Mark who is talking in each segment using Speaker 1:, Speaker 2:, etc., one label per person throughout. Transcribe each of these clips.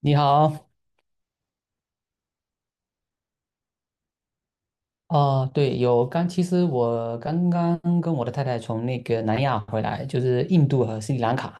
Speaker 1: 你好。其实我刚刚跟我的太太从那个南亚回来，就是印度和斯里兰卡。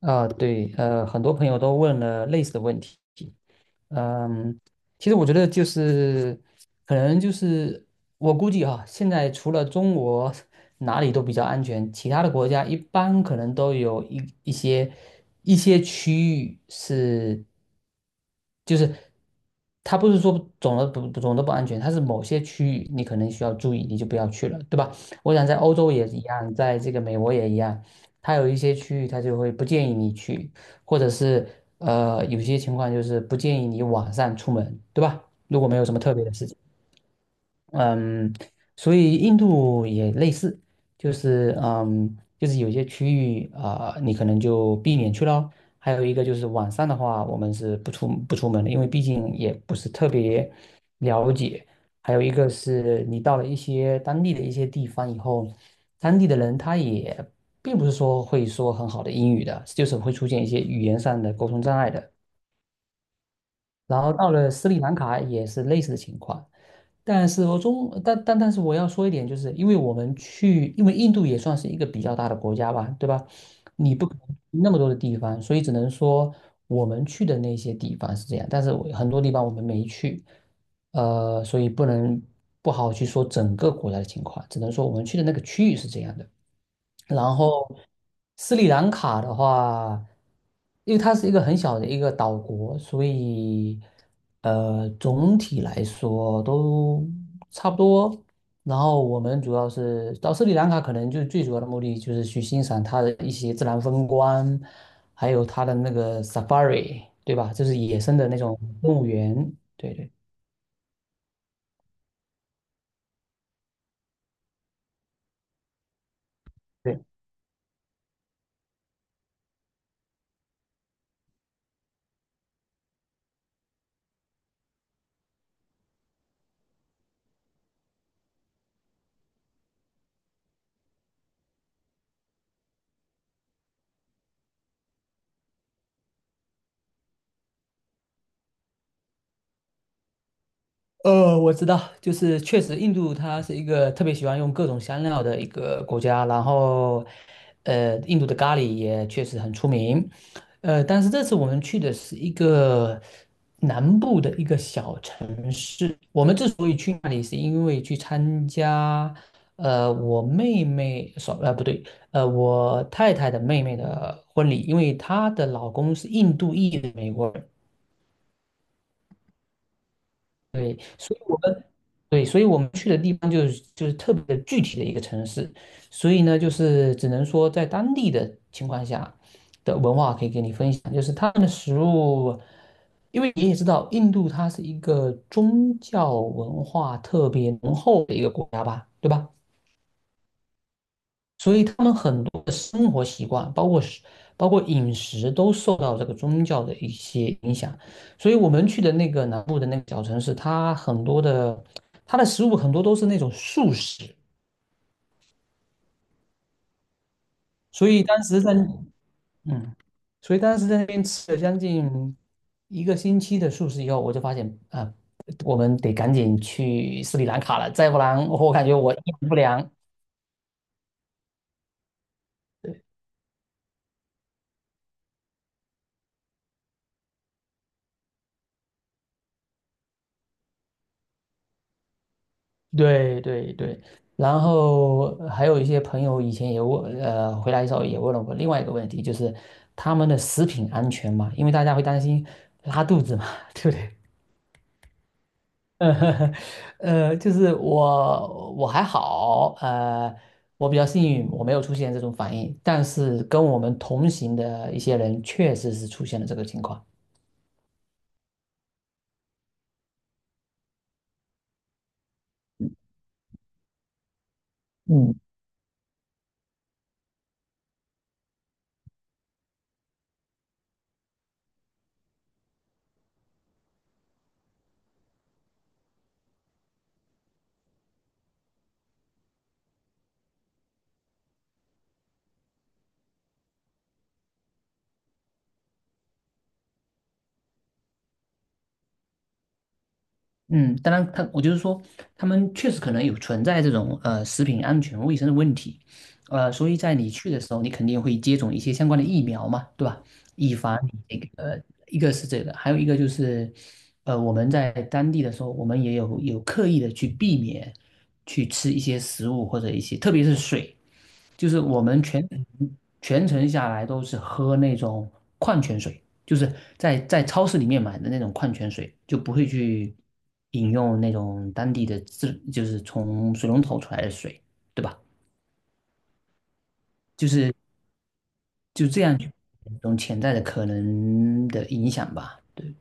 Speaker 1: 对，很多朋友都问了类似的问题。嗯，其实我觉得就是，可能就是我估计哈，现在除了中国哪里都比较安全，其他的国家一般可能都有一些一些区域是，就是它不是说总的不安全，它是某些区域你可能需要注意，你就不要去了，对吧？我想在欧洲也一样，在这个美国也一样，它有一些区域它就会不建议你去。或者是有些情况就是不建议你晚上出门，对吧？如果没有什么特别的事情。嗯，所以印度也类似，就是就是有些区域啊、你可能就避免去咯。还有一个就是晚上的话，我们是不出门的，因为毕竟也不是特别了解。还有一个是你到了一些当地的一些地方以后，当地的人他也并不是说会说很好的英语的，就是会出现一些语言上的沟通障碍的。然后到了斯里兰卡也是类似的情况，但是我要说一点，就是因为我们去，因为印度也算是一个比较大的国家吧，对吧？你不可能去那么多的地方，所以只能说我们去的那些地方是这样，但是我很多地方我们没去，所以不好去说整个国家的情况，只能说我们去的那个区域是这样的。然后斯里兰卡的话，因为它是一个很小的一个岛国，所以总体来说都差不多。然后我们主要是到斯里兰卡，可能就最主要的目的就是去欣赏它的一些自然风光，还有它的那个 safari,对吧？就是野生的那种动物园。对对。我知道，就是确实，印度它是一个特别喜欢用各种香料的一个国家，然后，印度的咖喱也确实很出名，但是这次我们去的是一个南部的一个小城市，我们之所以去那里，是因为去参加，呃，我妹妹，说，呃，不对，呃，我太太的妹妹的婚礼，因为她的老公是印度裔的美国人。所以我们。对，所以我们去的地方就是特别的具体的一个城市，所以呢，就是只能说在当地的情况下的文化可以给你分享，就是他们的食物，因为你也知道，印度它是一个宗教文化特别浓厚的一个国家吧，对吧？所以他们很多的生活习惯，包括饮食，都受到这个宗教的一些影响。所以我们去的那个南部的那个小城市，它很多的它的食物很多都是那种素食，所以当时在嗯，所以当时在那边吃了将近一个星期的素食以后，我就发现啊，我们得赶紧去斯里兰卡了，再不然我感觉我营养不良。对对对，然后还有一些朋友以前也问，回来的时候也问了我另外一个问题，就是他们的食品安全嘛，因为大家会担心拉肚子嘛，对不对？呃，就是我还好，我比较幸运，我没有出现这种反应，但是跟我们同行的一些人确实是出现了这个情况。嗯。嗯，当然他，我就是说，他们确实可能有存在这种食品安全卫生的问题，所以在你去的时候，你肯定会接种一些相关的疫苗嘛，对吧？以防你这个一个是这个，还有一个就是，我们在当地的时候，我们也有刻意的去避免去吃一些食物或者一些，特别是水，就是我们全程下来都是喝那种矿泉水。就是在超市里面买的那种矿泉水，就不会去饮用那种当地的自，就是从水龙头出来的水，对吧？就是就这样去一种潜在的可能的影响吧。对。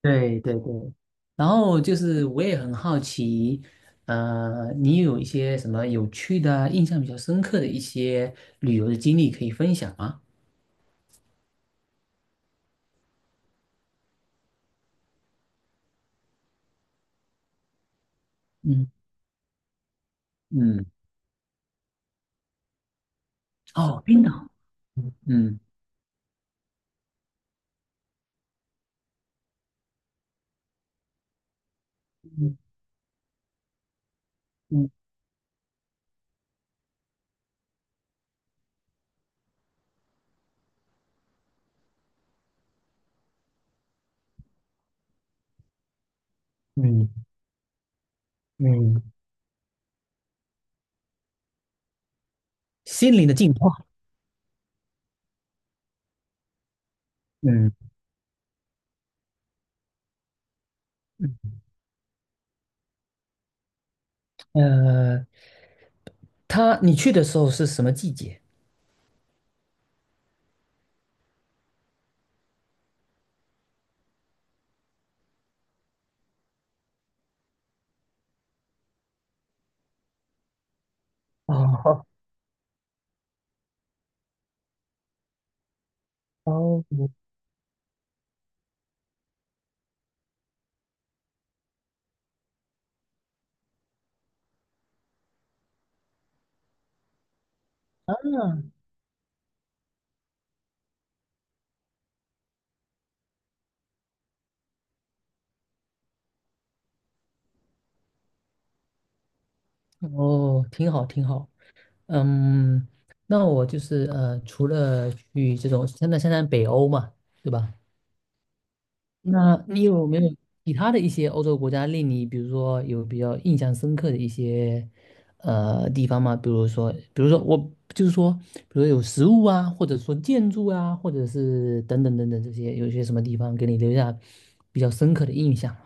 Speaker 1: 对对对，然后就是我也很好奇，你有一些什么有趣的啊、印象比较深刻的一些旅游的经历可以分享吗？嗯嗯。哦，冰岛。嗯嗯嗯嗯嗯。心灵的净化。嗯。嗯，呃，他你去的时候是什么季节？哦哦。哦，挺好，挺好。嗯，那我就是除了去这种，现在北欧嘛，对吧？那你有没有其他的一些欧洲国家令你，比如说有比较印象深刻的一些地方吗？比如说，比如说我就是说，比如说有食物啊，或者说建筑啊，或者是等等等等这些，有一些什么地方给你留下比较深刻的印象吗？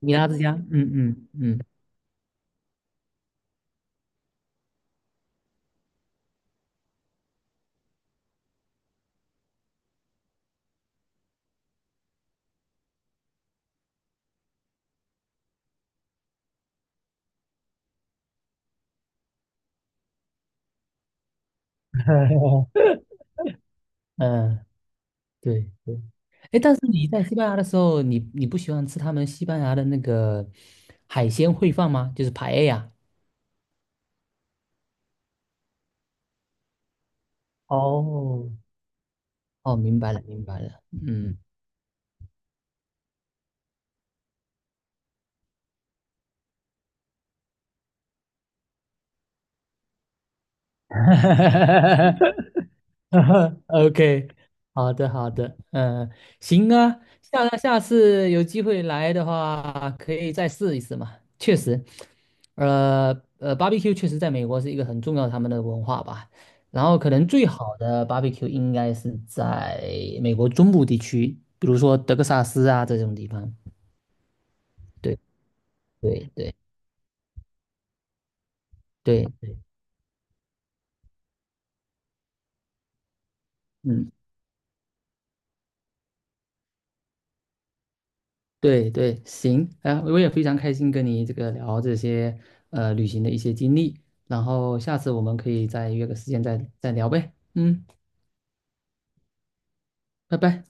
Speaker 1: 米拉之家，嗯嗯嗯 嗯，对对。哎，但是你在西班牙的时候，你不喜欢吃他们西班牙的那个海鲜烩饭吗？就是排 a e。 哦。哦，明白了，明白了，嗯 ，OK,哈哈好的，好的，嗯、行啊，下下次有机会来的话，可以再试一试嘛。确实，呃barbecue 确实在美国是一个很重要他们的文化吧。然后可能最好的 barbecue 应该是在美国中部地区，比如说德克萨斯啊这种地方。对对对对。嗯。对对，行，啊，我也非常开心跟你这个聊这些旅行的一些经历，然后下次我们可以再约个时间再聊呗，嗯，拜拜。